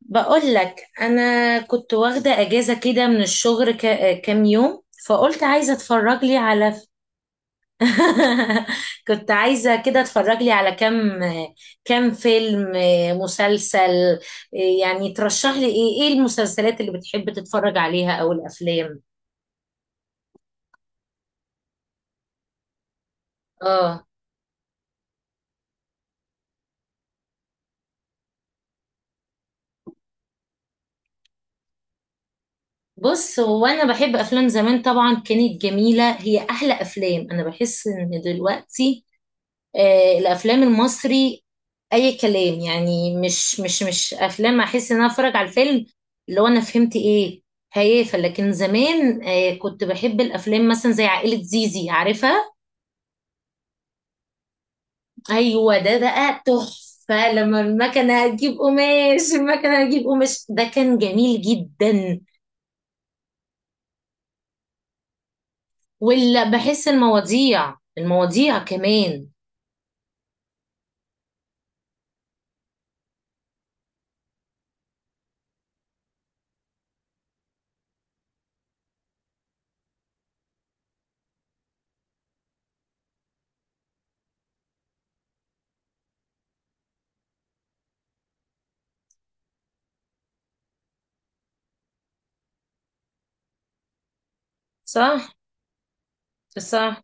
بقول لك، انا كنت واخده اجازه كده من الشغل كام يوم، فقلت عايزه اتفرج لي على كنت عايزه كده اتفرج لي على كام كام فيلم، مسلسل. ترشح لي ايه ايه المسلسلات اللي بتحب تتفرج عليها او الافلام؟ اه. بص، هو انا بحب افلام زمان طبعا، كانت جميله، هي احلى افلام. انا بحس ان دلوقتي الافلام المصري اي كلام، يعني مش افلام. احس ان انا اتفرج على الفيلم اللي هو انا فهمت ايه؟ هيافه. لكن زمان كنت بحب الافلام مثلا زي عائله زيزي، عارفها؟ ايوه، ده بقى تحفه. لما المكنه هتجيب قماش، المكنه هتجيب قماش، ده كان جميل جدا. ولا بحس المواضيع، المواضيع كمان. صح، صح.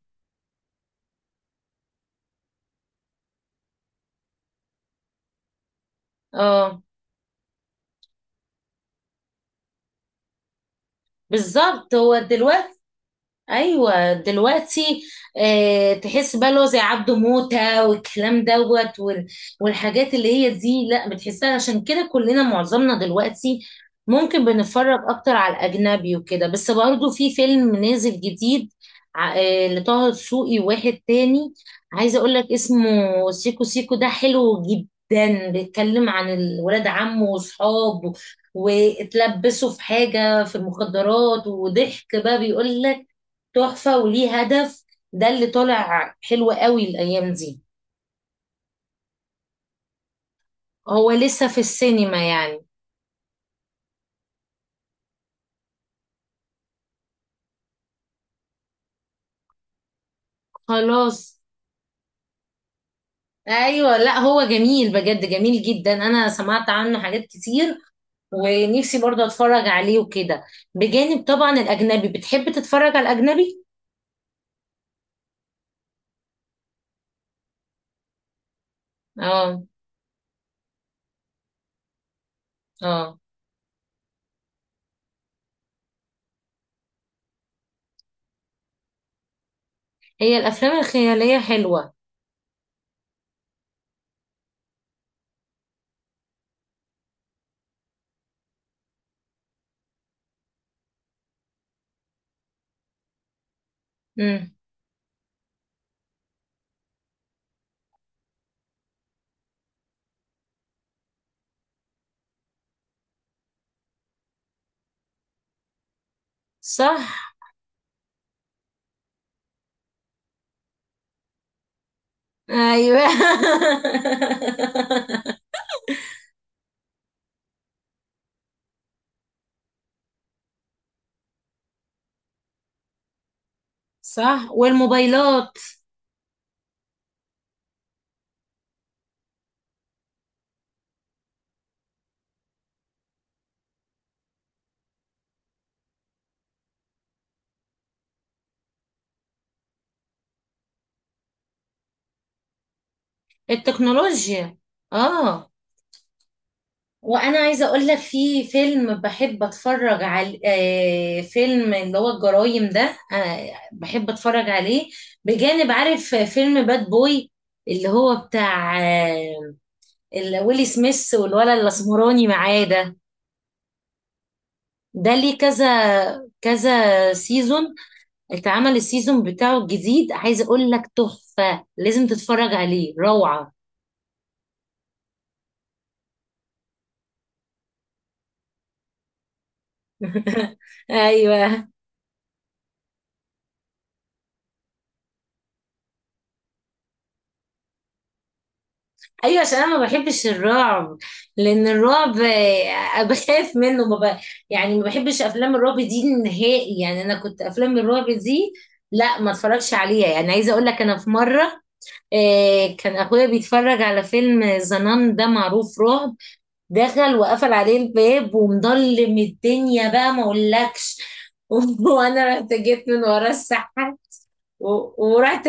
اه، بالظبط. هو دلوقتي ايوه دلوقتي، آه، تحس بقى اللي هو زي عبده موته والكلام دوت والحاجات اللي هي دي، لا بتحسها. عشان كده كلنا، معظمنا دلوقتي، ممكن بنتفرج اكتر على الاجنبي وكده. بس برضه في فيلم نازل جديد، لطه دسوقي، واحد تاني عايزه اقول لك اسمه، سيكو سيكو. ده حلو جدا، بيتكلم عن الولاد عمه واصحابه واتلبسوا في حاجه في المخدرات، وضحك بقى، بيقول لك تحفة وليه هدف. ده اللي طالع حلو قوي الأيام دي. هو لسه في السينما يعني. خلاص. أيوة، لا هو جميل بجد، جميل جدا، أنا سمعت عنه حاجات كتير ونفسي برضه أتفرج عليه وكده، بجانب طبعا الأجنبي. بتحب تتفرج على الأجنبي؟ اه. اه. هي الأفلام الخيالية حلوة. امم صح. أيوة. صح. والموبايلات. التكنولوجيا. اه. وانا عايزه اقول لك في فيلم بحب اتفرج على فيلم اللي هو الجرايم ده، بحب اتفرج عليه بجانب. عارف فيلم باد بوي اللي هو بتاع اللي ويلي سميث والولد الاسمراني معاه ده؟ ده ليه كذا كذا سيزون، اتعمل السيزون بتاعه الجديد. عايزه اقول لك تحفه، لازم تتفرج عليه، روعه. ايوه. ايوه، عشان انا ما بحبش الرعب. لان الرعب بخاف منه. ما ب... يعني ما بحبش افلام الرعب دي نهائي. يعني انا كنت افلام الرعب دي لا ما اتفرجش عليها. يعني عايزه اقول لك، انا في مره كان اخويا بيتفرج على فيلم زنان، ده معروف رعب، دخل وقفل عليه الباب ومضلم الدنيا، بقى ما اقولكش. وانا رحت جيت من ورا السحاب ورحت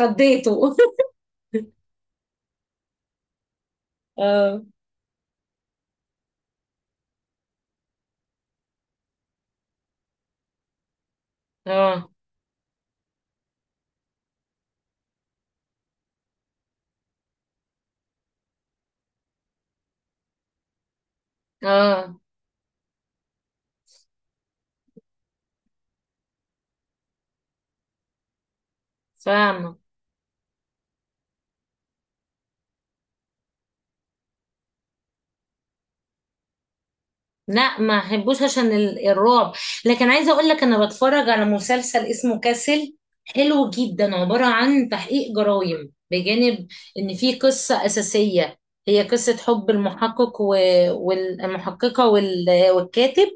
خضيته. اه. اه. اه، فاهمه. لا ما احبوش عشان الرعب. لكن عايزه اقول لك، انا بتفرج على مسلسل اسمه كاسل، حلو جدا، عباره عن تحقيق جرائم، بجانب ان في قصه اساسيه، هي قصه حب، المحقق والمحققه والكاتب.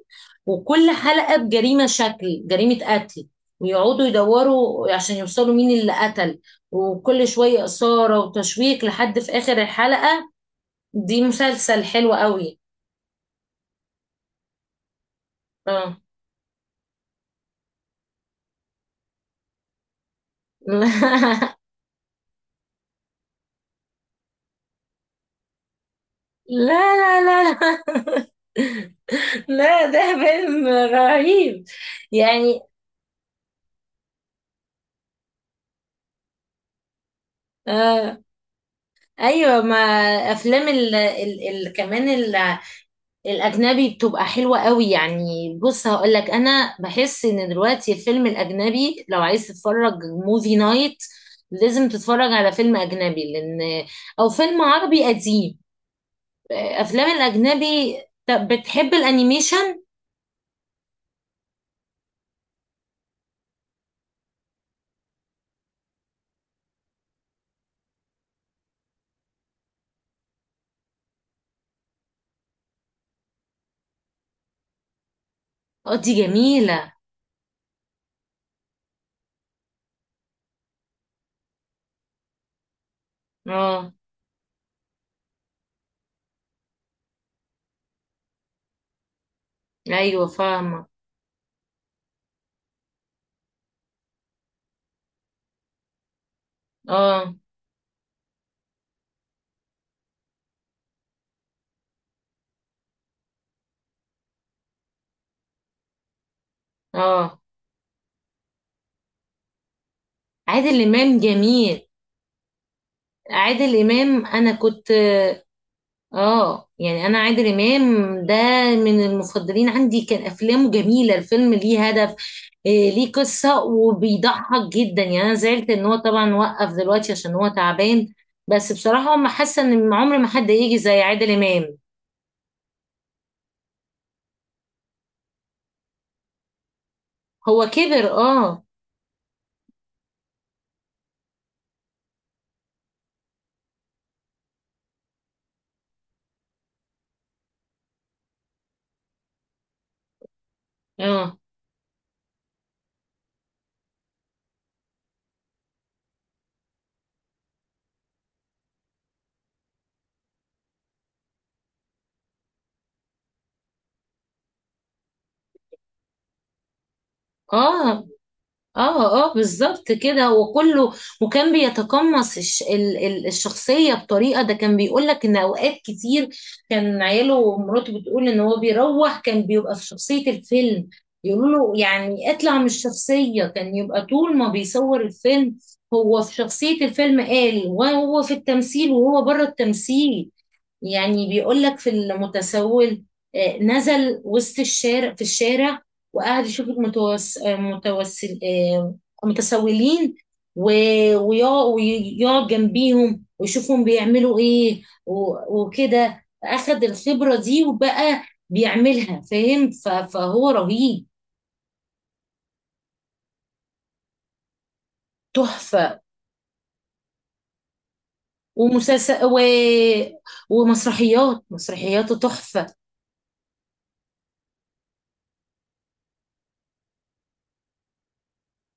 وكل حلقه بجريمه، شكل جريمه قتل، ويقعدوا يدوروا عشان يوصلوا مين اللي قتل، وكل شويه اثاره وتشويق لحد في اخر الحلقه. دي مسلسل حلو قوي. اه. لا لا لا لا لا، ده فيلم رهيب يعني. آه. ايوه. ما افلام ال كمان، ال الاجنبي بتبقى حلوه قوي. يعني بص هقول لك، انا بحس ان دلوقتي الفيلم الاجنبي لو عايز تتفرج موفي نايت، لازم تتفرج على فيلم اجنبي، لان، او فيلم عربي قديم. افلام الاجنبي. طب بتحب الانيميشن؟ اه دي جميله. اه. ايوه فاهمه. اه. اه. عادل امام جميل. عادل امام، انا كنت. اه. يعني انا عادل امام ده من المفضلين عندي. كان افلامه جميله، الفيلم ليه هدف، إيه ليه قصه وبيضحك جدا. يعني انا زعلت ان هو طبعا وقف دلوقتي عشان هو تعبان. بس بصراحه هم حاسه ان عمر ما حد يجي زي عادل امام. هو كبر، اه. اه. اه. اه. اه، بالظبط كده وكله. وكان بيتقمص الش ال ال الشخصية بطريقة. ده كان بيقول لك ان اوقات كتير، كان عياله ومراته بتقول ان هو بيروح كان بيبقى في شخصية الفيلم، يقولوا له يعني اطلع من الشخصية. كان يبقى طول ما بيصور الفيلم هو في شخصية الفيلم، قال وهو في التمثيل وهو بره التمثيل. يعني بيقول لك في المتسول نزل وسط الشارع، في الشارع، وقعد يشوف المتوس... آه، متوسل متسولين، ويقعد جنبيهم ويشوفهم بيعملوا ايه وكده، اخد الخبرة دي وبقى بيعملها، فاهم؟ فهو رهيب. تحفة. ومسلسل ومسرحيات، مسرحياته تحفة.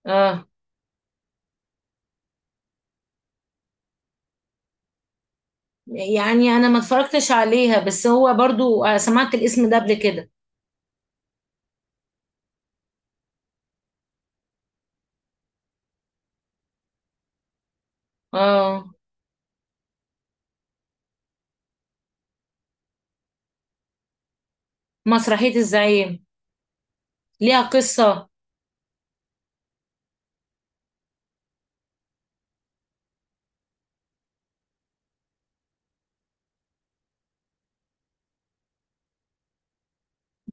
اه. يعني انا ما اتفرجتش عليها، بس هو برضو سمعت الاسم ده قبل كده. اه. مسرحية الزعيم ليها قصة.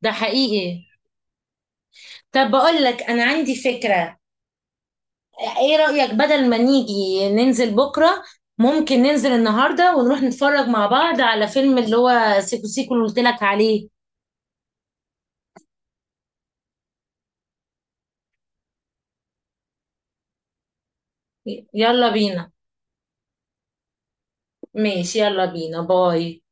ده حقيقي. طب بقول لك انا عندي فكرة. ايه رأيك بدل ما نيجي ننزل بكرة، ممكن ننزل النهاردة ونروح نتفرج مع بعض على فيلم اللي هو سيكو سيكو اللي قلت لك عليه. يلا بينا. ماشي، يلا بينا، باي.